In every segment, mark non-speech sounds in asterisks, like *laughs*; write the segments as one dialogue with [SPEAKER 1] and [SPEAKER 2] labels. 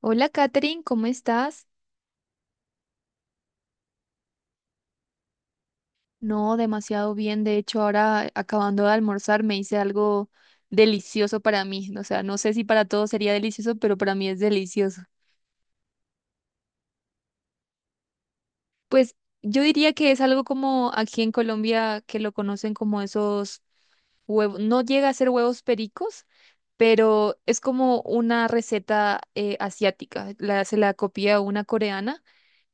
[SPEAKER 1] Hola, Katherine, ¿cómo estás? No, demasiado bien. De hecho, ahora acabando de almorzar me hice algo delicioso para mí. O sea, no sé si para todos sería delicioso, pero para mí es delicioso. Pues yo diría que es algo como aquí en Colombia que lo conocen como esos huevos. No llega a ser huevos pericos, pero es como una receta asiática. La, se la copia una coreana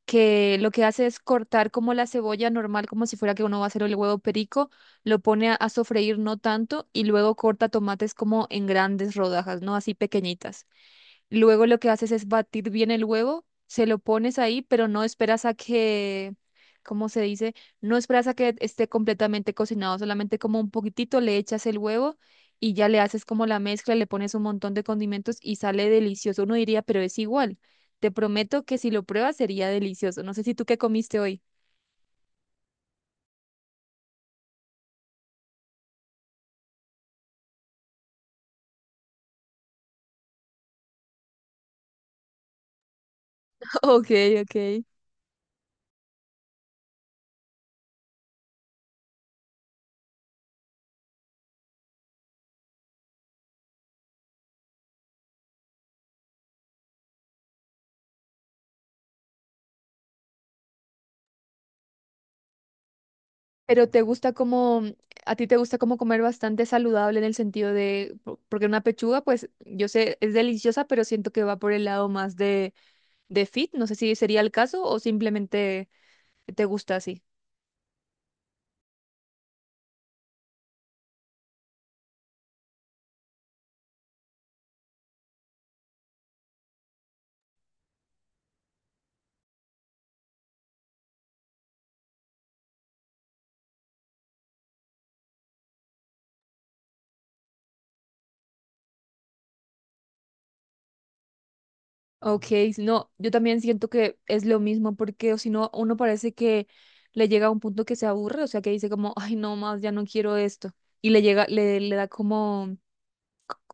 [SPEAKER 1] que lo que hace es cortar como la cebolla normal, como si fuera que uno va a hacer el huevo perico, lo pone a sofreír no tanto y luego corta tomates como en grandes rodajas, no así pequeñitas. Luego lo que haces es batir bien el huevo, se lo pones ahí, pero no esperas a que, ¿cómo se dice? No esperas a que esté completamente cocinado, solamente como un poquitito le echas el huevo y ya le haces como la mezcla, le pones un montón de condimentos y sale delicioso. Uno diría, pero es igual. Te prometo que si lo pruebas sería delicioso. No sé si tú qué comiste hoy. *laughs* Ok, ok. Pero te gusta como, a ti te gusta como comer bastante saludable en el sentido de, po- porque una pechuga, pues yo sé, es deliciosa, pero siento que va por el lado más de fit. No sé si sería el caso o simplemente te gusta así. Ok, si no, yo también siento que es lo mismo porque o si no, uno parece que le llega a un punto que se aburre, o sea, que dice como, ay, no más, ya no quiero esto. Y le llega, le da como,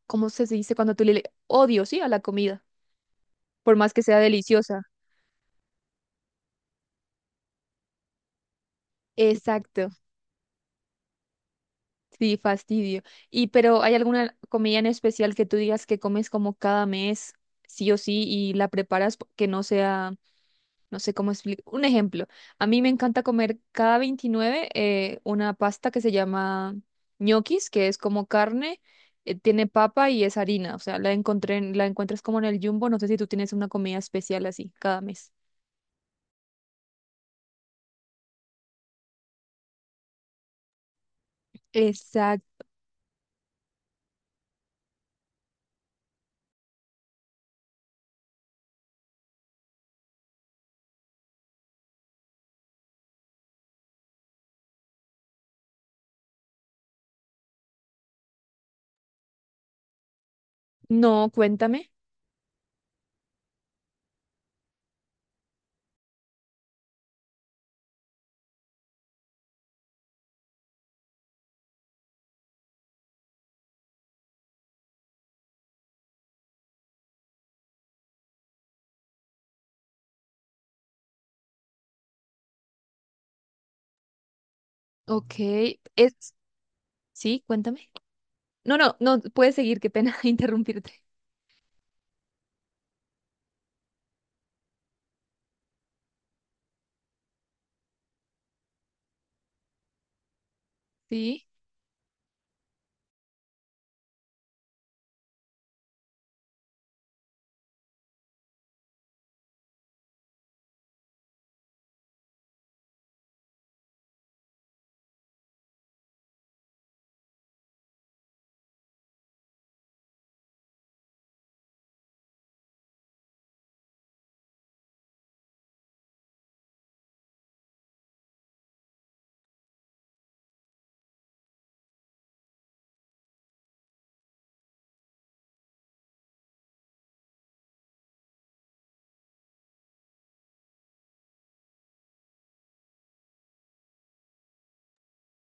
[SPEAKER 1] ¿cómo se dice cuando tú le le- odio, sí, a la comida, por más que sea deliciosa? Exacto. Sí, fastidio. Y pero ¿hay alguna comida en especial que tú digas que comes como cada mes, sí o sí, y la preparas po- que no sea, no sé cómo explicar? Un ejemplo, a mí me encanta comer cada 29 una pasta que se llama ñoquis, que es como carne, tiene papa y es harina, o sea, la encontré, en- la encuentras como en el Jumbo, no sé si tú tienes una comida especial así cada mes. Exacto. No, cuéntame. Ok, es, sí, cuéntame. No, no, no, puedes seguir, qué pena *laughs* interrumpirte. Sí,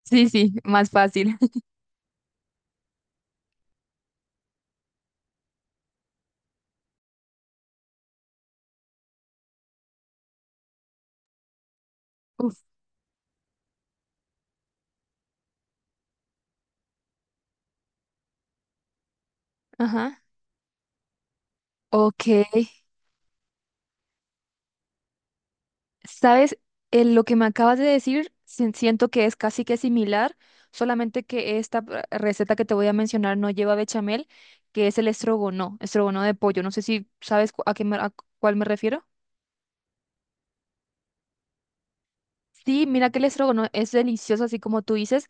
[SPEAKER 1] sí, sí, más fácil. *laughs* Uf, ajá. Ok, ¿sabes? Lo que me acabas de decir, sien- siento que es casi que similar, solamente que esta p- receta que te voy a mencionar no lleva bechamel, que es el estrogono, estrogono de pollo. No sé si sabes cu- a qué me- a cu- cuál me refiero. Sí, mira que el estrogono es delicioso, así como tú dices,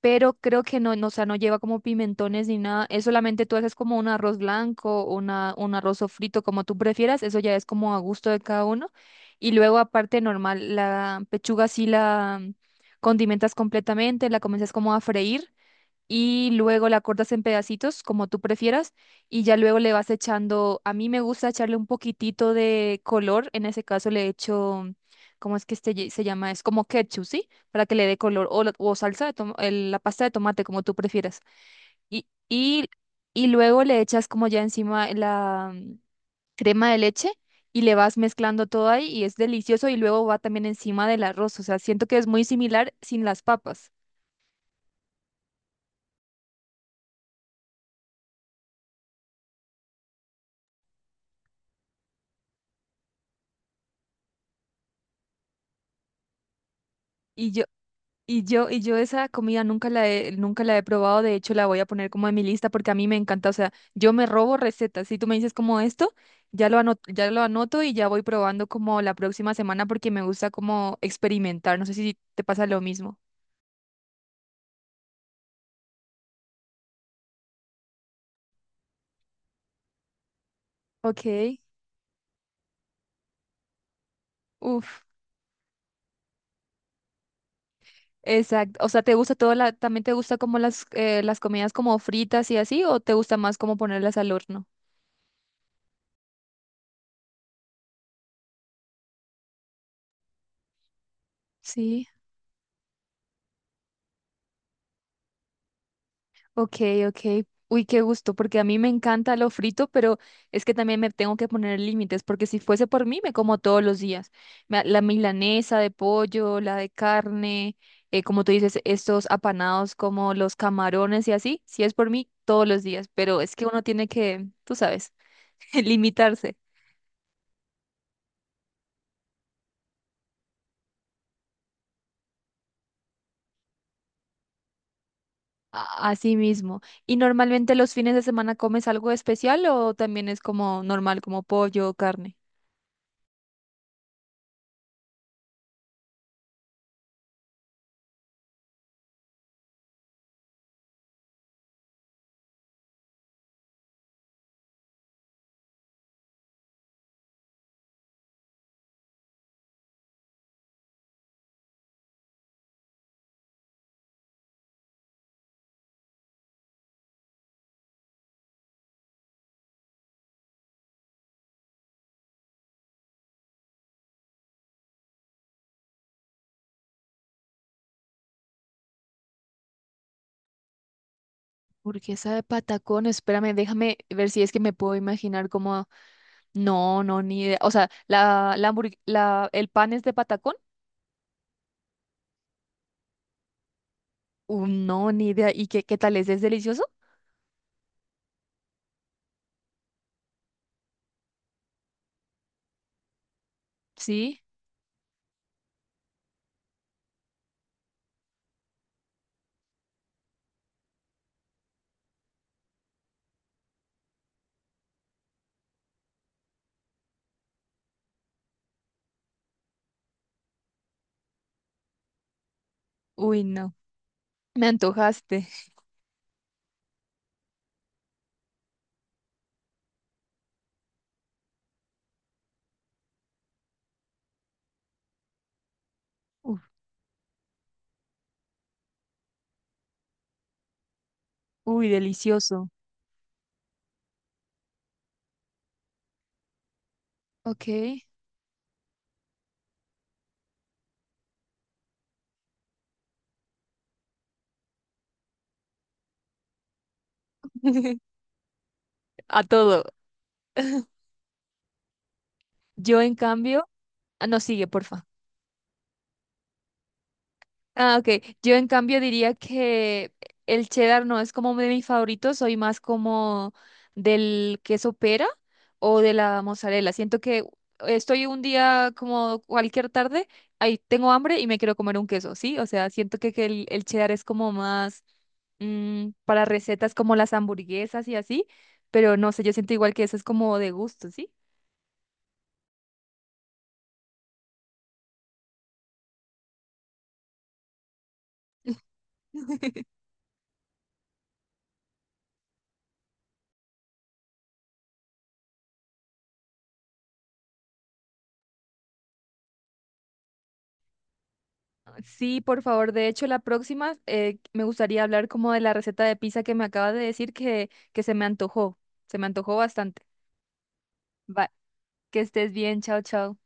[SPEAKER 1] pero creo que no, no, o sea, no lleva como pimentones ni nada. Es solamente tú haces como un arroz blanco, una, un arroz frito, como tú prefieras. Eso ya es como a gusto de cada uno. Y luego, aparte, normal, la pechuga sí la condimentas completamente, la comienzas como a freír y luego la cortas en pedacitos, como tú prefieras, y ya luego le vas echando, a mí me gusta echarle un poquitito de color, en ese caso le echo, mm, ¿cómo es que este ye- se llama? Es como ketchup, ¿sí? Para que le dé color, o, la- o salsa de toma- el- la pasta de tomate, como tú prefieras. Y, y, y luego le echas como ya encima la mm, crema de leche. Y le vas mezclando todo ahí y es delicioso y luego va también encima del arroz. O sea, siento que es muy similar sin las papas. Y yo, y yo esa comida nunca la he, nunca la he probado, de hecho la voy a poner como en mi lista porque a mí me encanta, o sea, yo me robo recetas, si tú me dices como esto, ya lo anoto y ya voy probando como la próxima semana porque me gusta como experimentar, no sé si te pasa lo mismo. Ok, uf, exacto, o sea, ¿te gusta todo la, también te gusta como las comidas como fritas y así o te gusta más como ponerlas al horno? Sí. Ok, ok. Uy, qué gusto, porque a mí me encanta lo frito, pero es que también me tengo que poner límites, porque si fuese por mí, me como todos los días. Me- La milanesa de pollo, la de carne, como tú dices, estos apanados como los camarones y así, si es por mí, todos los días, pero es que uno tiene que, tú sabes, *laughs* limitarse a sí mismo. ¿Y normalmente los fines de semana comes algo especial o también es como normal, como pollo o carne? Burguesa de patacón, espérame, déjame ver si es que me puedo imaginar cómo. No, no, ni idea. O sea, hamburg- la- el pan es de patacón. Uy, no, ni idea. ¿Y qué, qué tal es? ¿Es delicioso? Sí. Uy, no. Me antojaste. Uf, uy, delicioso. Ok. *laughs* A todo. *laughs* Yo, en cambio. No, sigue, porfa. Ah, ok. Yo en cambio diría que el cheddar no es como de mis favoritos, soy más como del queso pera o de la mozzarella. Siento que estoy un día como cualquier tarde, ahí tengo hambre y me quiero comer un queso, ¿sí? O sea, siento que el cheddar es como más mm, para recetas como las hamburguesas y así, pero no sé, yo siento igual que eso es como de gusto, ¿sí? Sí, por favor. De hecho, la próxima me gustaría hablar como de la receta de pizza que me acabas de decir que se me antojó. Se me antojó bastante. Va, que estés bien. Chao, chao.